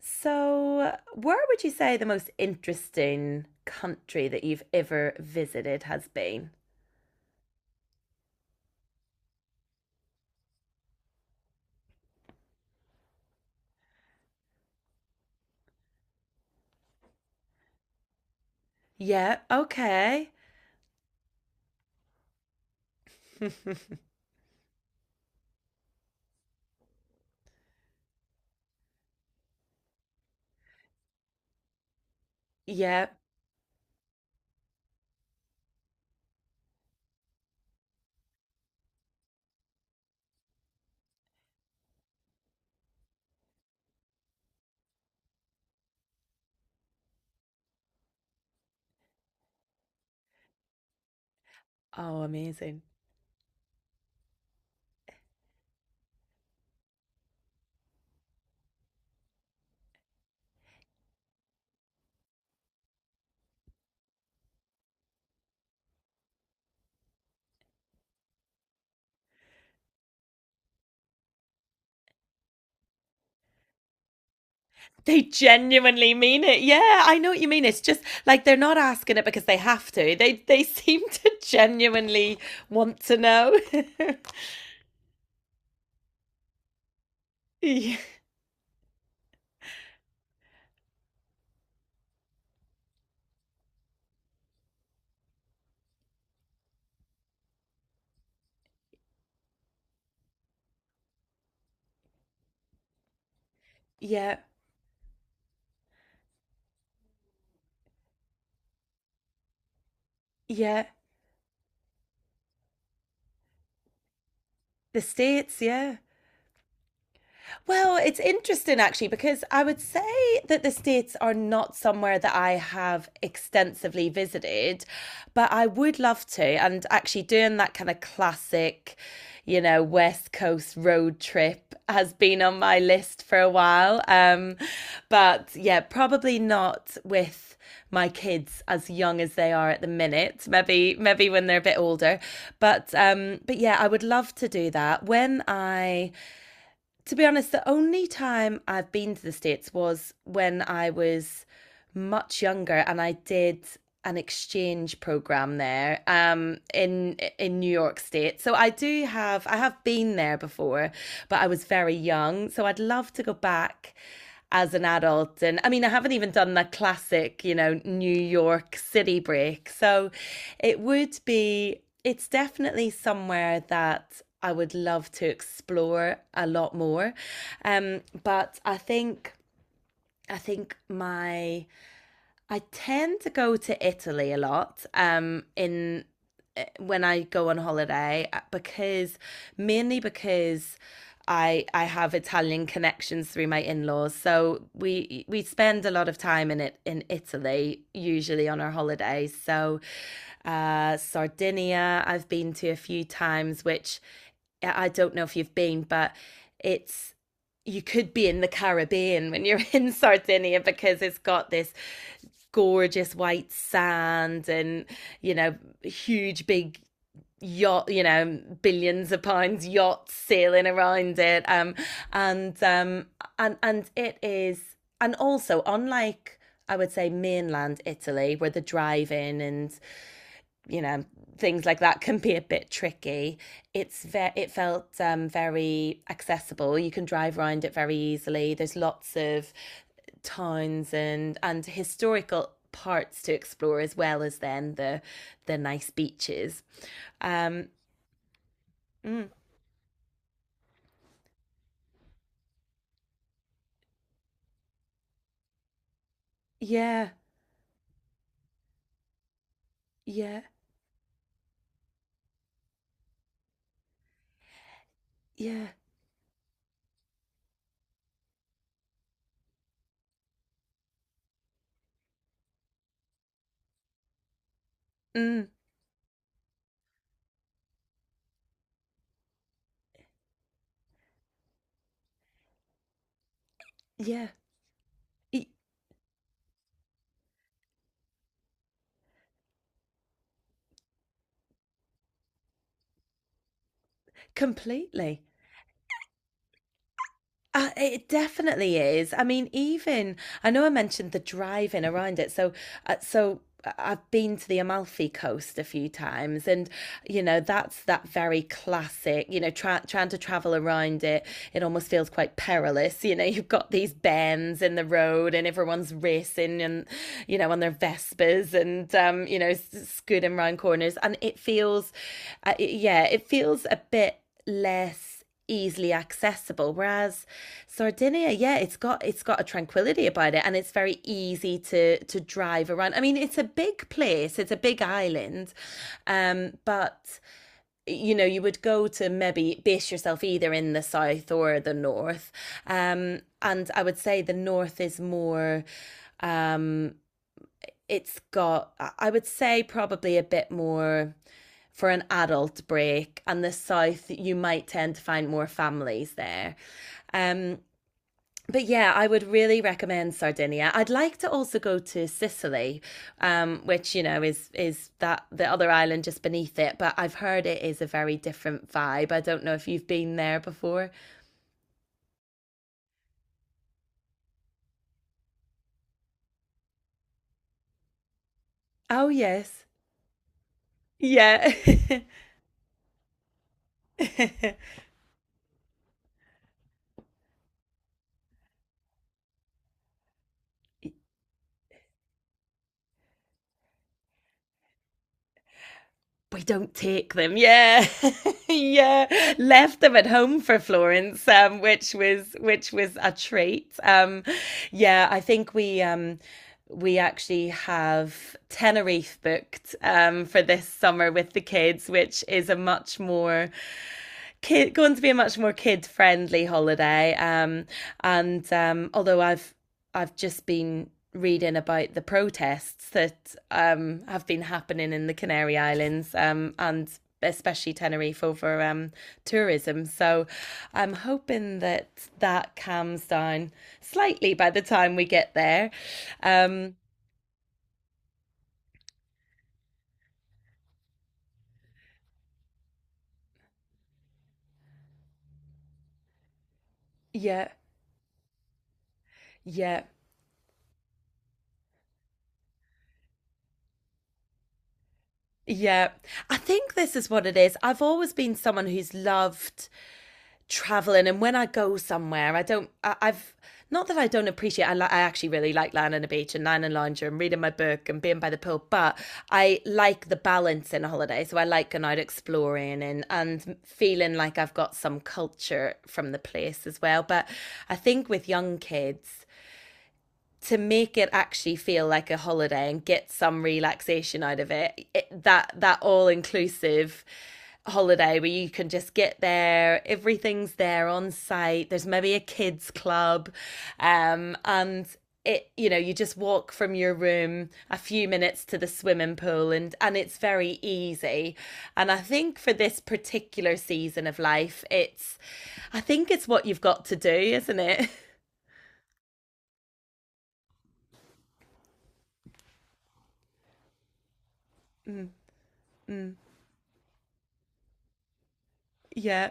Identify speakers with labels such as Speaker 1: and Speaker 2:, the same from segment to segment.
Speaker 1: So, where would you say the most interesting country that you've ever visited has been? Yeah, okay. Yeah. Oh, amazing. They genuinely mean it. Yeah, I know what you mean. It's just like they're not asking it because they have to. They seem to genuinely want to know. Yeah. Yeah. Yeah. The States, yeah. Well, it's interesting actually because I would say that the States are not somewhere that I have extensively visited, but I would love to. And actually, doing that kind of classic, you know, West Coast road trip has been on my list for a while. But yeah, probably not with my kids as young as they are at the minute, maybe when they're a bit older, but yeah, I would love to do that when I to be honest, the only time I've been to the States was when I was much younger, and I did an exchange program there in New York state. So I do have, I have been there before, but I was very young. So I'd love to go back as an adult. And I mean, I haven't even done the classic, you know, New York city break. So it would be, it's definitely somewhere that I would love to explore a lot more. But I think, I think my I tend to go to Italy a lot when I go on holiday, because mainly because I have Italian connections through my in-laws. So we spend a lot of time in it in Italy usually on our holidays. So Sardinia I've been to a few times, which I don't know if you've been, but it's, you could be in the Caribbean when you're in Sardinia because it's got this gorgeous white sand and, you know, huge big yacht, you know, billions of pounds yachts sailing around it. And and it is, and also, unlike, I would say, mainland Italy where the drive in and, you know, things like that can be a bit tricky, it felt very accessible. You can drive around it very easily. There's lots of towns and historical parts to explore, as well as then the nice beaches. um mm, yeah. Yeah. Yeah. mm, yeah. e- Completely. It definitely is. I mean, even, I know I mentioned the driving around it. So, I've been to the Amalfi Coast a few times, and you know, that's that very classic. You know, trying to travel around it, it almost feels quite perilous. You know, you've got these bends in the road, and everyone's racing and, you know, on their Vespers and, you know, scooting round corners. And it feels, yeah, it feels a bit less easily accessible, whereas Sardinia, yeah, it's got a tranquility about it, and it's very easy to drive around. I mean, it's a big place, it's a big island. But you know, you would go to maybe base yourself either in the south or the north. And I would say the north is more, um it's got, would say probably a bit more for an adult break, and the south you might tend to find more families there. um but yeah, I would really recommend Sardinia. I'd like to also go to Sicily, which, you know, is that the other island just beneath it. But I've heard it is a very different vibe. I don't know if you've been there before. Oh yes, yeah. We don't take them. Yeah, yeah. Left them at home for Florence, which was a treat. Yeah, I think we actually have Tenerife booked for this summer with the kids, which is a much more going to be a much more kid friendly holiday. And although I've just been reading about the protests that have been happening in the Canary Islands and especially Tenerife over tourism. So I'm hoping that that calms down slightly by the time we get there. Um, yeah, yeah. Yeah, I think this is what it is. I've always been someone who's loved traveling, and when I go somewhere, I don't I, I've not that I don't appreciate, I actually really like lying on the beach and lying in lounger and reading my book and being by the pool. But I like the balance in a holiday, so I like going out exploring and feeling like I've got some culture from the place as well. But I think with young kids, to make it actually feel like a holiday and get some relaxation out of it, that all inclusive holiday where you can just get there, everything's there on site, there's maybe a kids club, and, it, you know, you just walk from your room a few minutes to the swimming pool, and it's very easy. And I think for this particular season of life, it's I think it's what you've got to do, isn't it? mm, mm, yeah.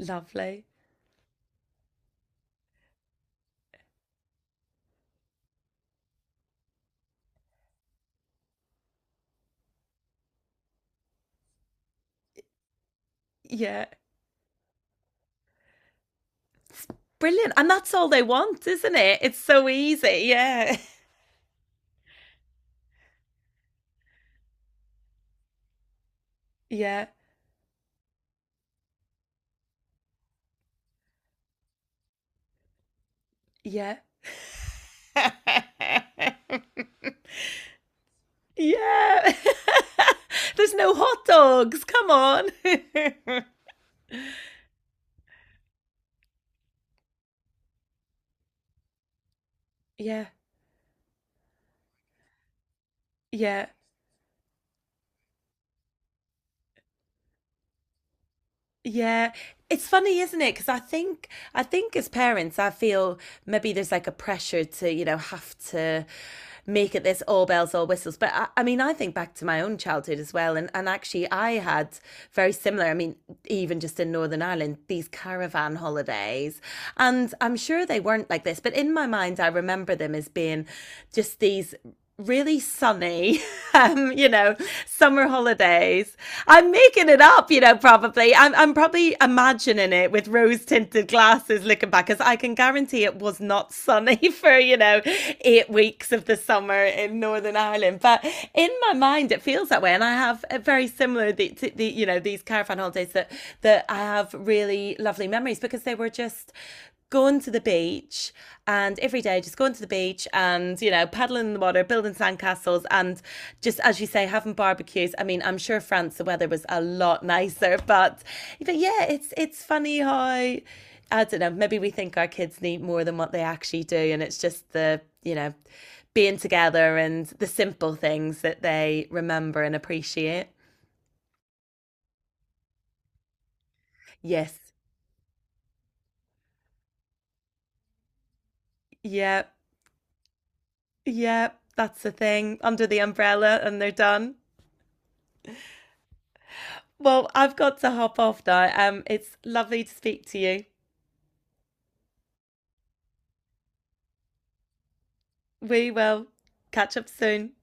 Speaker 1: Lovely. Yeah. Brilliant. And that's all they want, isn't it? It's so easy. Yeah. Yeah. Yeah. Yeah. There's no hot dogs. Come on. Yeah. Yeah. Yeah. It's funny, isn't it? Because I think as parents, I feel maybe there's like a pressure to, you know, have to make it this all bells all whistles. But I mean, I think back to my own childhood as well, and actually I had very similar. I mean, even just in Northern Ireland, these caravan holidays, and I'm sure they weren't like this, but in my mind I remember them as being just these really sunny, you know, summer holidays. I'm making it up, you know, probably. I'm probably imagining it with rose tinted glasses looking back, because I can guarantee it was not sunny for, you know, 8 weeks of the summer in Northern Ireland. But in my mind, it feels that way. And I have a very similar, to the, you know, these caravan holidays that, that I have really lovely memories because they were just going to the beach. And every day, just going to the beach and, you know, paddling in the water, building sandcastles, and just as you say, having barbecues. I mean, I'm sure France the weather was a lot nicer, but yeah, it's funny how I don't know, maybe we think our kids need more than what they actually do, and it's just the, you know, being together and the simple things that they remember and appreciate. Yes, yeah. Yeah, that's the thing. Under the umbrella and they're done. Well, I've got to hop off now. It's lovely to speak to you. We will catch up soon.